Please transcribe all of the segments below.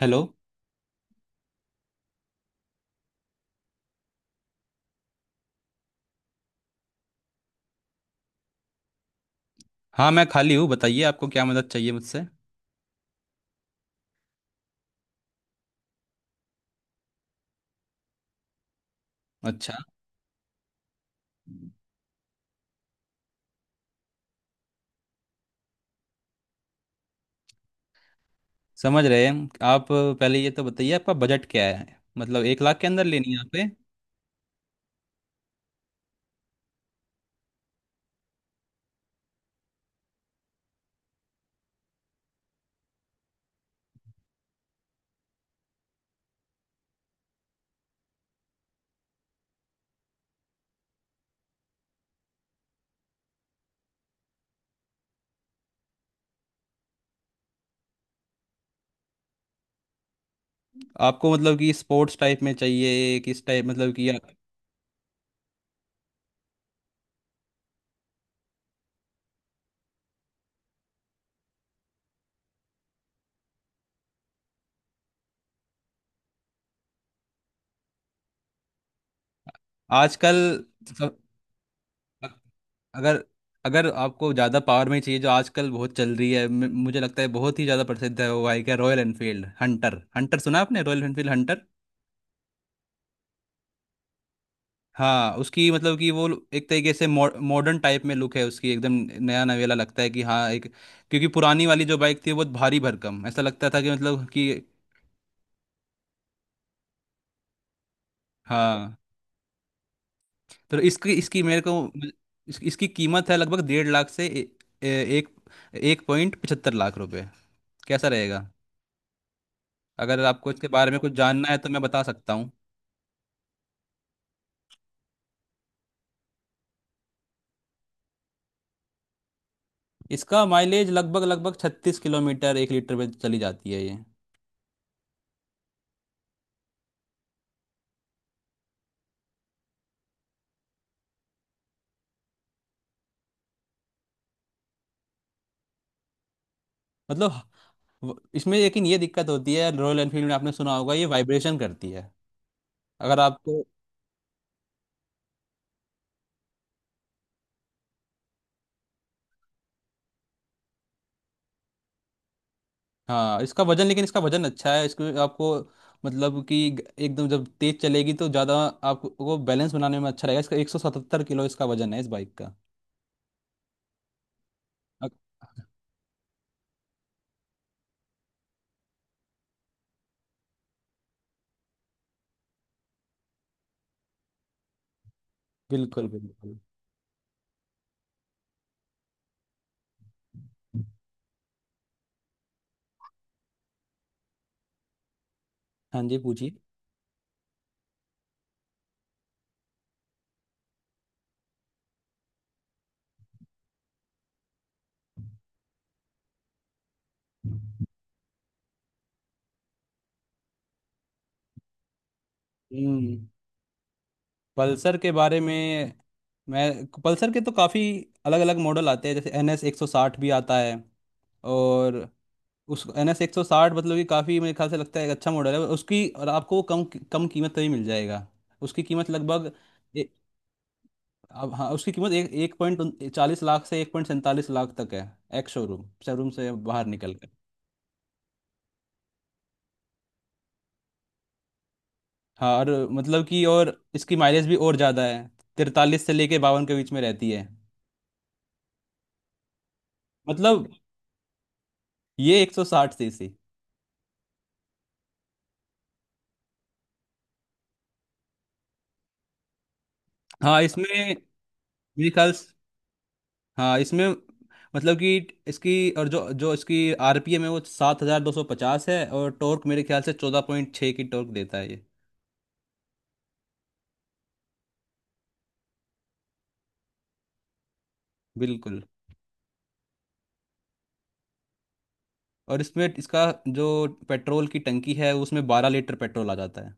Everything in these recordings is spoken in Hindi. हेलो। हाँ मैं खाली हूँ, बताइए आपको क्या मदद चाहिए मुझसे। अच्छा। समझ रहे हैं आप, पहले ये तो बताइए आपका बजट क्या है, मतलब एक लाख के अंदर लेनी है यहाँ पे? आपको मतलब कि स्पोर्ट्स टाइप में चाहिए किस टाइप, मतलब कि आजकल सब- अगर अगर आपको ज़्यादा पावर में चाहिए, जो आजकल बहुत चल रही है, मुझे लगता है बहुत ही ज़्यादा प्रसिद्ध है। वो बाइक है रॉयल एनफील्ड हंटर। हंटर सुना आपने, रॉयल एनफील्ड हंटर? हाँ उसकी मतलब कि वो एक तरीके से मॉडर्न टाइप में लुक है उसकी, एकदम नया नवेला लगता है कि हाँ एक। क्योंकि पुरानी वाली जो बाइक थी वो बहुत भारी भरकम ऐसा लगता था कि मतलब कि हाँ। तो इसकी इसकी मेरे को मतलब इसकी कीमत है लगभग डेढ़ लाख से ए, ए, एक एक पॉइंट पचहत्तर लाख रुपए। कैसा रहेगा? अगर आपको इसके बारे में कुछ जानना है तो मैं बता सकता हूँ। इसका माइलेज लगभग लगभग छत्तीस किलोमीटर एक लीटर में चली जाती है ये। मतलब इसमें लेकिन ये दिक्कत होती है, रॉयल एनफील्ड में आपने सुना होगा ये वाइब्रेशन करती है। अगर आपको हाँ, इसका वजन लेकिन इसका वजन अच्छा है, इसको आपको मतलब कि एकदम जब तेज चलेगी तो ज़्यादा आपको बैलेंस बनाने में अच्छा रहेगा। इसका 177 किलो इसका वजन है इस बाइक का। अ- बिल्कुल बिल्कुल। हाँ जी पूछिए। हम्म। पल्सर के बारे में मैं पल्सर के तो काफ़ी अलग अलग मॉडल आते हैं, जैसे एन एस एक सौ साठ भी आता है। और उस एन एस एक सौ साठ मतलब कि काफ़ी मेरे ख्याल से लगता है एक अच्छा मॉडल है उसकी, और आपको कम कम कीमत पे ही मिल जाएगा। उसकी कीमत लगभग ए, अब हाँ, उसकी कीमत एक एक पॉइंट चालीस लाख से एक पॉइंट सैंतालीस लाख तक है, एक शोरूम। शोरूम से बाहर निकल कर। हाँ और मतलब कि और इसकी माइलेज भी और ज़्यादा है, तिरतालीस से लेके बावन के बीच में रहती है। मतलब ये एक सौ साठ सीसी। हाँ इसमें मेरे ख्याल, हाँ इसमें मतलब कि इसकी, और जो जो इसकी आरपीएम है वो सात हजार दो सौ पचास है, और टॉर्क मेरे ख्याल से चौदह पॉइंट छः की टॉर्क देता है ये। बिल्कुल। और इसमें इसका जो पेट्रोल की टंकी है, उसमें बारह लीटर पेट्रोल आ जाता है।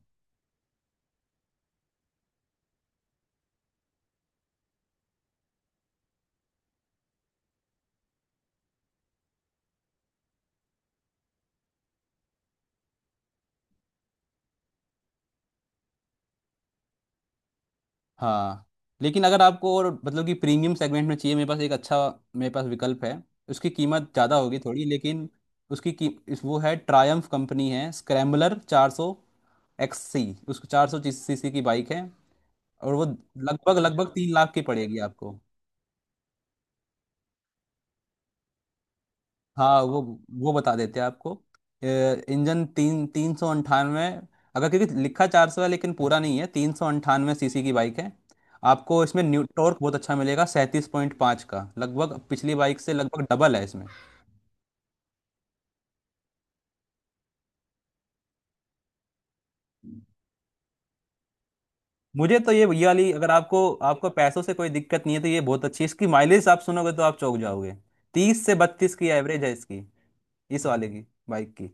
हाँ लेकिन अगर आपको और मतलब कि प्रीमियम सेगमेंट में चाहिए, मेरे पास एक अच्छा, मेरे पास विकल्प है। उसकी कीमत ज़्यादा होगी थोड़ी, लेकिन उसकी की इस वो है, ट्रायम्फ कंपनी है, स्क्रैम्बलर चार सौ एक्स सी। उसको चार सौ सी सी की बाइक है, और वो लगभग लगभग तीन लाख की पड़ेगी आपको। हाँ वो बता देते हैं आपको। इंजन तीन तीन सौ अंठानवे, अगर क्योंकि लिखा चार सौ है लेकिन पूरा नहीं है, तीन सौ अंठानवे सीसी की बाइक है। आपको इसमें न्यू टॉर्क बहुत अच्छा मिलेगा, सैंतीस पॉइंट पाँच का, लगभग पिछली बाइक से लगभग डबल है इसमें। मुझे तो ये वाली, अगर आपको, आपको पैसों से कोई दिक्कत नहीं है तो ये बहुत अच्छी है। इसकी माइलेज आप सुनोगे तो आप चौंक जाओगे, तीस से बत्तीस की एवरेज है इसकी, इस वाले की बाइक की।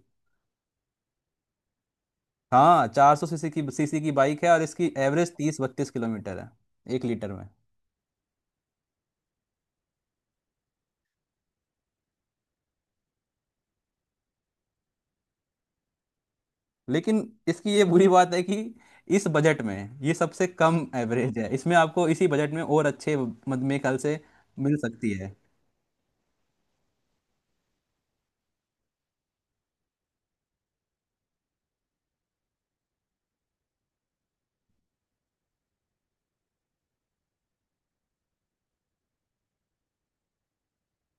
हाँ, चार सौ सीसी की बाइक है, और इसकी एवरेज तीस बत्तीस किलोमीटर है एक लीटर में। लेकिन इसकी ये बुरी बात है कि इस बजट में ये सबसे कम एवरेज है, इसमें आपको इसी बजट में और अच्छे मेरे ख्याल से मिल सकती है।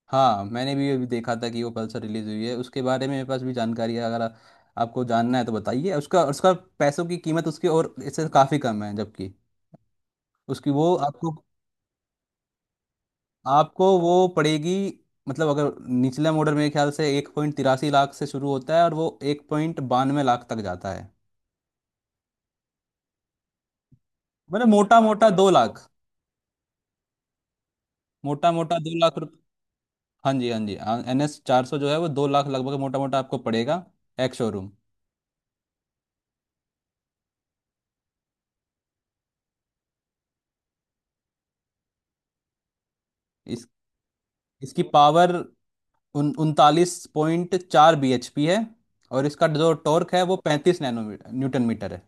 हाँ मैंने भी अभी देखा था कि वो पल्सर रिलीज हुई है, उसके बारे में मेरे पास भी जानकारी है। अगर आपको जानना है तो बताइए उसका, पैसों की कीमत उसकी और इससे काफ़ी कम है, जबकि उसकी वो आपको, आपको वो पड़ेगी। मतलब अगर निचले मॉडल मेरे ख्याल से एक पॉइंट तिरासी लाख से शुरू होता है और वो एक पॉइंट बानवे लाख तक जाता है, मतलब मोटा मोटा दो लाख। मोटा मोटा दो लाख रुपये। हाँ जी, हाँ जी। एन एस चार सौ जो है वो दो लाख लगभग मोटा मोटा आपको पड़ेगा, एक्स शोरूम। इस इसकी पावर उन उनतालीस पॉइंट चार बी एच पी है। और इसका जो टॉर्क है वो पैंतीस नैनोमीटर, न्यूटन मीटर है।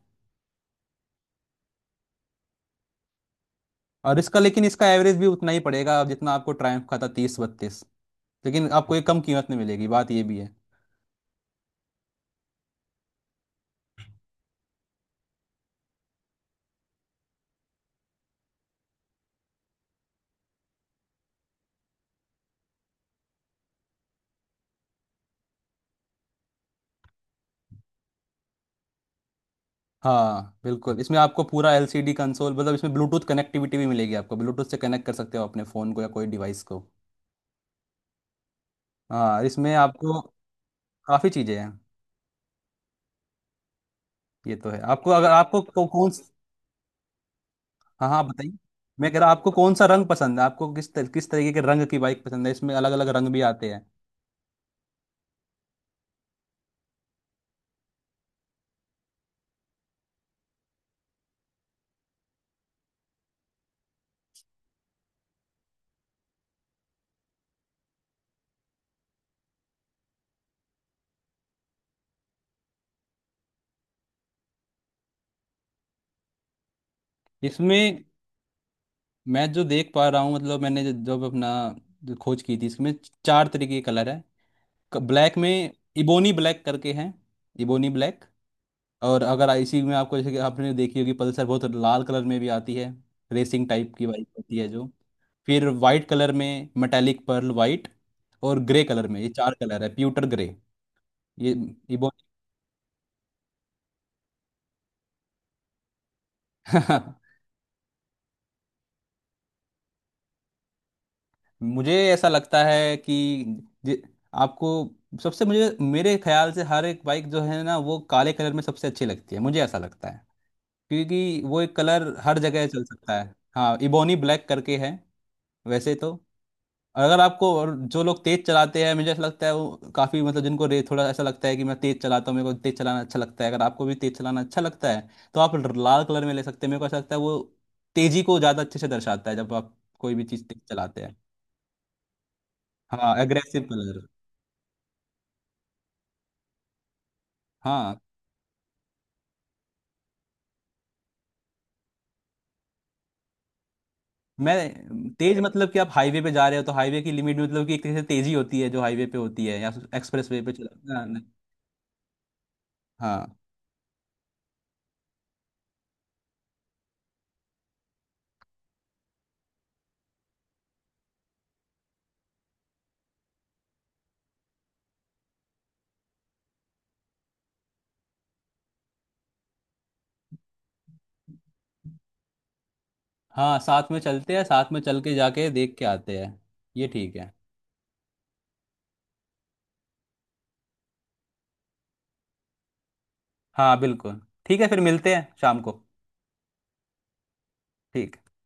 और इसका, लेकिन इसका एवरेज भी उतना ही पड़ेगा जितना आपको ट्रायम्फ का था, तीस बत्तीस। लेकिन आपको ये कम कीमत में मिलेगी, बात ये भी है। हाँ बिल्कुल। इसमें आपको पूरा एलसीडी कंसोल, मतलब इसमें ब्लूटूथ कनेक्टिविटी भी मिलेगी। आपको ब्लूटूथ से कनेक्ट कर सकते हो अपने फ़ोन को या कोई डिवाइस को। हाँ इसमें आपको काफ़ी चीज़ें हैं। ये तो है। आपको अगर आपको कौन, हाँ हाँ आप बताइए। मैं कह रहा हूँ, आपको कौन सा रंग पसंद है, आपको किस तरीके के रंग की बाइक पसंद है? इसमें अलग अलग रंग भी आते हैं। इसमें मैं जो देख पा रहा हूँ, मतलब मैंने जब अपना जो खोज की थी इसमें, चार तरीके के कलर है। ब्लैक में इबोनी ब्लैक करके हैं, इबोनी ब्लैक। और अगर आईसी में आपको, जैसे कि आपने देखी होगी, पल्सर बहुत लाल कलर में भी आती है, रेसिंग टाइप की बाइक होती है जो। फिर वाइट कलर में मेटालिक पर्ल वाइट, और ग्रे कलर में। ये चार कलर है, प्यूटर ग्रे। ये ये बहुत, मुझे ऐसा लगता है कि जे- आपको सबसे, मुझे मेरे ख्याल से हर एक बाइक जो है ना वो काले कलर में सबसे अच्छी लगती है, मुझे ऐसा लगता है। क्योंकि वो एक कलर हर जगह चल सकता है, हाँ इबोनी ब्लैक करके है वैसे तो। और अगर आपको, और जो लोग तेज चलाते हैं मुझे ऐसा लगता है वो काफ़ी, मतलब जिनको रे थोड़ा ऐसा लगता है कि मैं तेज चलाता हूँ, मेरे को तेज चलाना अच्छा लगता है, अगर आपको भी तेज चलाना अच्छा लगता है तो आप लाल कलर में ले सकते हैं। मेरे को ऐसा लगता है वो तेजी को ज़्यादा अच्छे से दर्शाता है, जब आप कोई भी चीज़ तेज चलाते हैं। हाँ एग्रेसिव कलर। हाँ मैं तेज मतलब कि आप हाईवे पे जा रहे हो तो हाईवे की लिमिट, मतलब कि एक तरह से तेजी होती है जो हाईवे पे होती है, या एक्सप्रेस वे पे चला, हाँ। हाँ हाँ, साथ में चलते हैं, साथ में चल के जाके देख के आते हैं। ये ठीक है। हाँ बिल्कुल। ठीक है, फिर मिलते हैं शाम को। ठीक।